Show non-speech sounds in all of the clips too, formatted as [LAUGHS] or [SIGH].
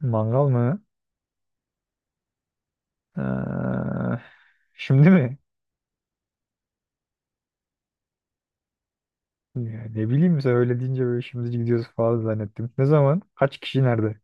Mangal mı? Ee, şimdi mi? Ya ne bileyim sen öyle deyince böyle şimdi gidiyoruz falan zannettim. Ne zaman? Kaç kişi nerede?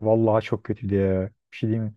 Vallahi çok kötü diye. Bir şey diyeyim mi?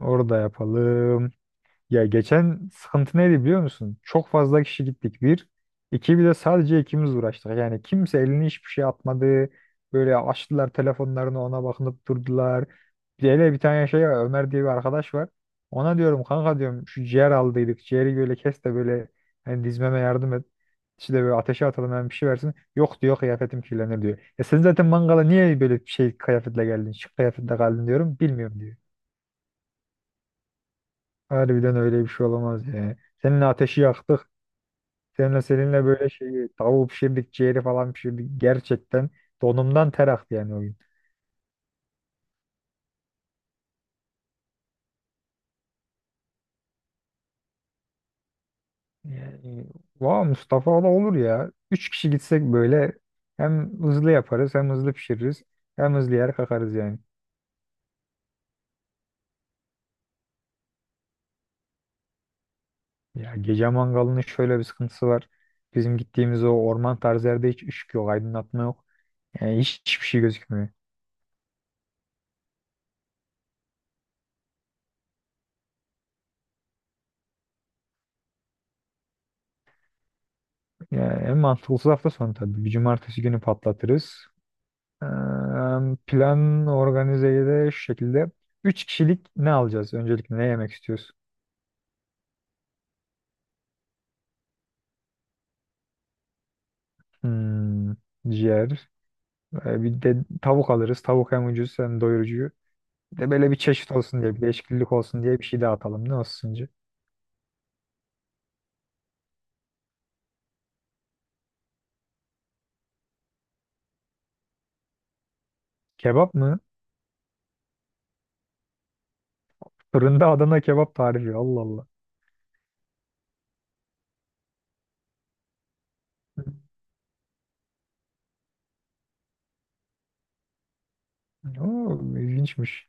Orada yapalım. Ya geçen sıkıntı neydi biliyor musun? Çok fazla kişi gittik bir. İki bir de sadece ikimiz uğraştık. Yani kimse elini hiçbir şey atmadı. Böyle açtılar telefonlarını ona bakınıp durdular. Bir de hele bir tane şey var, Ömer diye bir arkadaş var. Ona diyorum kanka diyorum şu ciğer aldıydık. Ciğeri böyle kes de böyle hani dizmeme yardım et. İşte böyle ateşe atalım hemen bir şey versin. Yok diyor kıyafetim kirlenir diyor. Ya sen zaten mangala niye böyle bir şey kıyafetle geldin? Şık kıyafetle geldin diyorum. Bilmiyorum. Harbiden öyle bir şey olamaz ya. Seninle ateşi yaktık. Seninle böyle şeyi tavuğu pişirdik, ciğeri falan pişirdik. Gerçekten donumdan ter aktı yani o gün. Yani, vay Mustafa o da olur ya. 3 kişi gitsek böyle hem hızlı yaparız hem hızlı pişiririz hem hızlı yer kakarız yani. Ya gece mangalının şöyle bir sıkıntısı var. Bizim gittiğimiz o orman tarzı yerde hiç ışık yok, aydınlatma yok. Yani hiç, hiçbir şey gözükmüyor. Yani en mantıklısı hafta sonu tabii. Bir cumartesi günü patlatırız. Eee, Plan organizeyi de şu şekilde. 3 kişilik ne alacağız? Öncelikle ne yemek istiyoruz? Hmm, ciğer. Bir de tavuk alırız. Tavuk hem ucuz hem doyurucu. Bir de böyle bir çeşit olsun diye, bir değişiklik olsun diye bir şey daha atalım. Ne olsun sence? Kebap mı? Fırında Adana kebap tarifi. Allah Allah. Oo, ilginçmiş.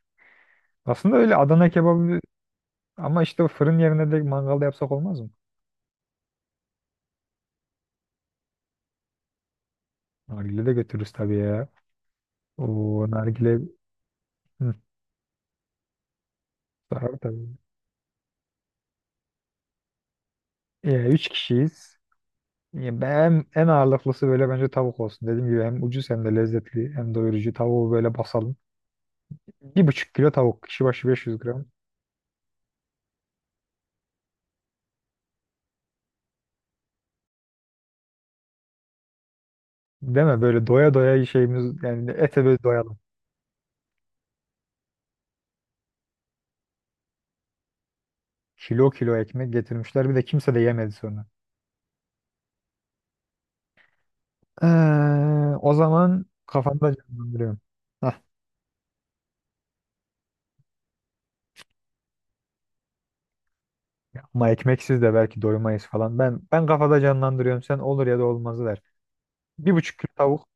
Aslında öyle Adana kebabı ama işte fırın yerine de mangalda yapsak olmaz mı? Nargile de götürürüz tabii ya. O nargile. Hı, sarar tabii. 3 kişiyiz. Ya ben en ağırlıklısı böyle bence tavuk olsun. Dediğim gibi hem ucuz hem de lezzetli hem doyurucu. Tavuğu böyle basalım. 1,5 kilo tavuk. Kişi başı 500 gram. Değil mi? Böyle doya doya şeyimiz yani ete böyle doyalım. Kilo kilo ekmek getirmişler. Bir de kimse de yemedi sonra. O zaman kafamda canlandırıyorum. Hah, ama ekmeksiz de belki doymayız falan. Ben kafada canlandırıyorum. Sen olur ya da olmazı der. 1,5 kilo tavuk.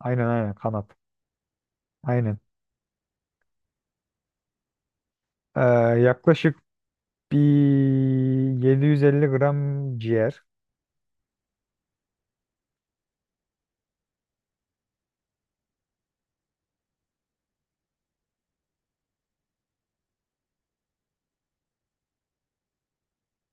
Aynen aynen kanat. Aynen. Ee, yaklaşık bir 750 gram ciğer.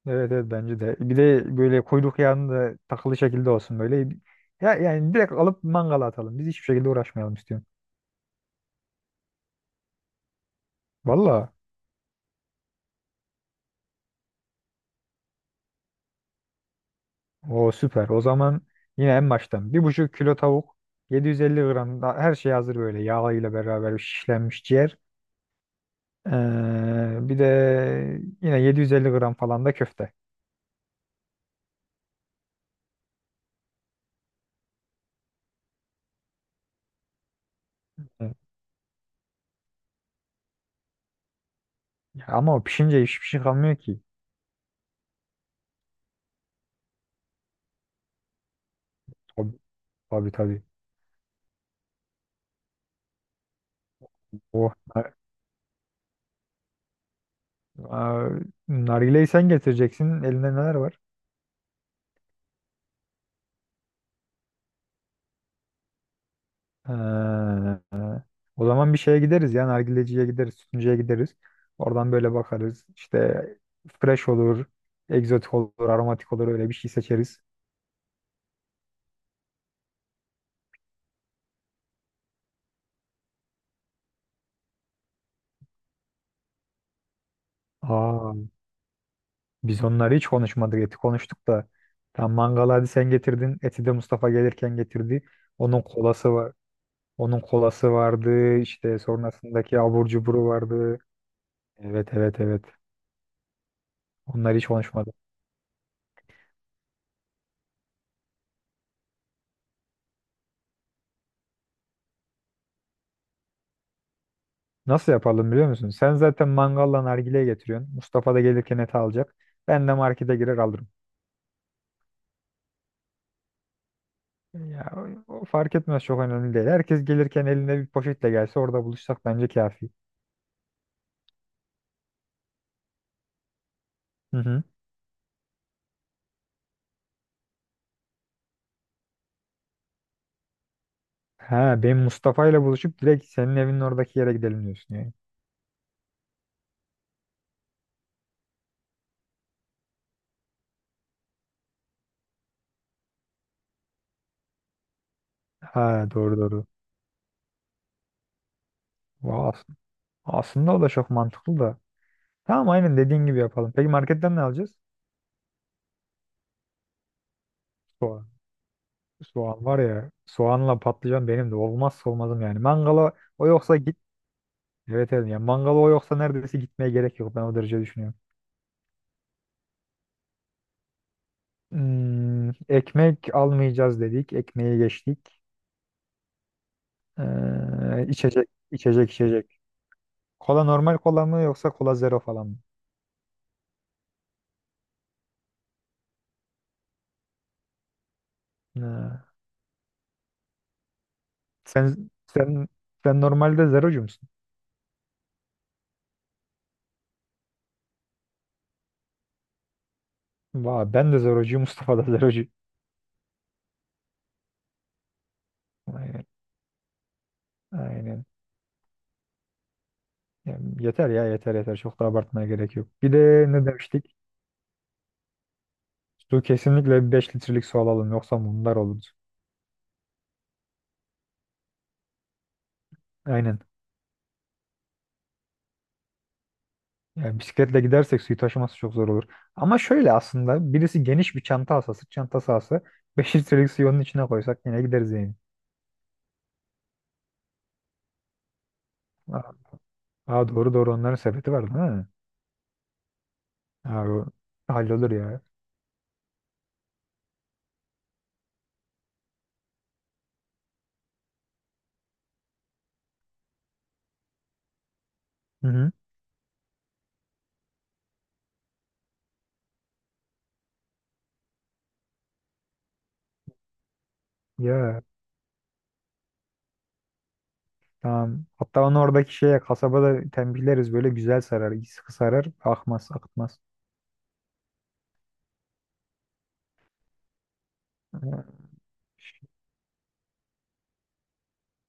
Evet evet bence de. Bir de böyle kuyruk yağını da takılı şekilde olsun böyle. Ya yani direkt alıp mangala atalım. Biz hiçbir şekilde uğraşmayalım istiyorum. Valla. O süper. O zaman yine en baştan, 1,5 kilo tavuk. 750 gram da her şey hazır böyle. Yağıyla beraber şişlenmiş ciğer. Ee, bir de yine 750 gram falan da köfte. Evet. Ya ama o pişince hiçbir şey kalmıyor ki. Tabii tabii. Tabii. Oh. Aa, nargileyi sen getireceksin. Elinde neler var? Ha, o zaman bir şeye gideriz ya. Nargileciye gideriz, sütüncüye gideriz. Oradan böyle bakarız. İşte fresh olur, egzotik olur, aromatik olur öyle bir şey seçeriz. Aa, biz onları hiç konuşmadık. Eti konuştuk da. Tam mangalı hadi sen getirdin. Eti de Mustafa gelirken getirdi. Onun kolası var. Onun kolası vardı. İşte sonrasındaki abur cuburu vardı. Evet evet evet. Onları hiç konuşmadık. Nasıl yapalım biliyor musun? Sen zaten mangalla nargileyi getiriyorsun. Mustafa da gelirken et alacak. Ben de markete girer alırım. Ya, o fark etmez çok önemli değil. Herkes gelirken elinde bir poşetle gelse orada buluşsak bence kafi. Hı hı. Ha, benim Mustafa ile buluşup direkt senin evinin oradaki yere gidelim diyorsun yani. Ha doğru doğru. Vay, aslında o da çok mantıklı da. Tamam aynen dediğin gibi yapalım. Peki marketten ne alacağız? Soğan. Soğan var ya soğanla patlıcan benim de olmazsa olmazım yani. Mangala o yoksa. Evet evet. Yani mangalı o yoksa neredeyse gitmeye gerek yok. Ben o derece düşünüyorum. Ekmek almayacağız dedik. Ekmeği geçtik. İçecek, içecek, içecek. Kola normal kola mı yoksa kola zero falan mı? Ha. Sen sen sen normalde zerocu musun? Vay, ben de zerocuyum. [LAUGHS] Mustafa da zerocu. Aynen. Aynen. Yani yeter ya yeter yeter. Çok da abartmaya gerek yok. Bir de ne demiştik? Su kesinlikle 5 litrelik su alalım. Yoksa bunlar olur. Aynen. Yani bisikletle gidersek suyu taşıması çok zor olur. Ama şöyle aslında birisi geniş bir çanta alsa, sırt çantası alsa [LAUGHS] 5 litrelik suyu onun içine koysak yine gideriz yani. Aa, aa, doğru doğru onların sepeti var değil mi? Aa, o hallolur ya. Hı hı. Ya tamam. Hatta onu oradaki şeye kasabada tembihleriz böyle güzel sarar, sıkı sarar, akmaz, akıtmaz. Ha,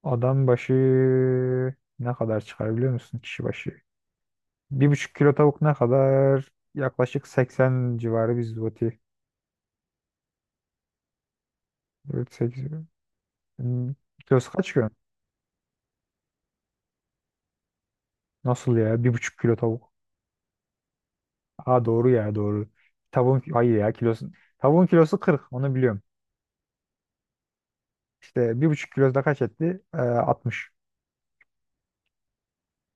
adam başı ne kadar çıkar biliyor musun kişi başı? Bir buçuk kilo tavuk ne kadar? Yaklaşık 80 civarı bir zloty. 4, 8. Hmm. Kilosu kaç ki? Nasıl ya? 1,5 kilo tavuk. Ha doğru ya doğru. Tavuğun hayır ya kilosu. Tavuğun kilosu 40 onu biliyorum. İşte 1,5 kilosu da kaç etti? 60.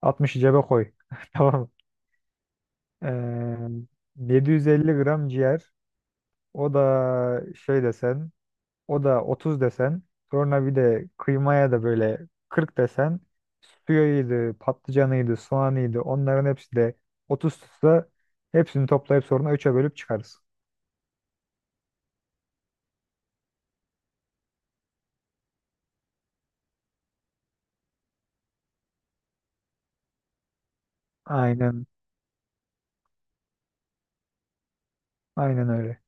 60'ı cebe koy. [LAUGHS] Tamam. Ee, 750 gram ciğer. O da şey desen. O da 30 desen. Sonra bir de kıymaya da böyle 40 desen. Suyuydu, patlıcanıydı, soğanıydı. Onların hepsi de 30 tutsa hepsini toplayıp sonra 3'e bölüp çıkarız. Aynen. Aynen öyle.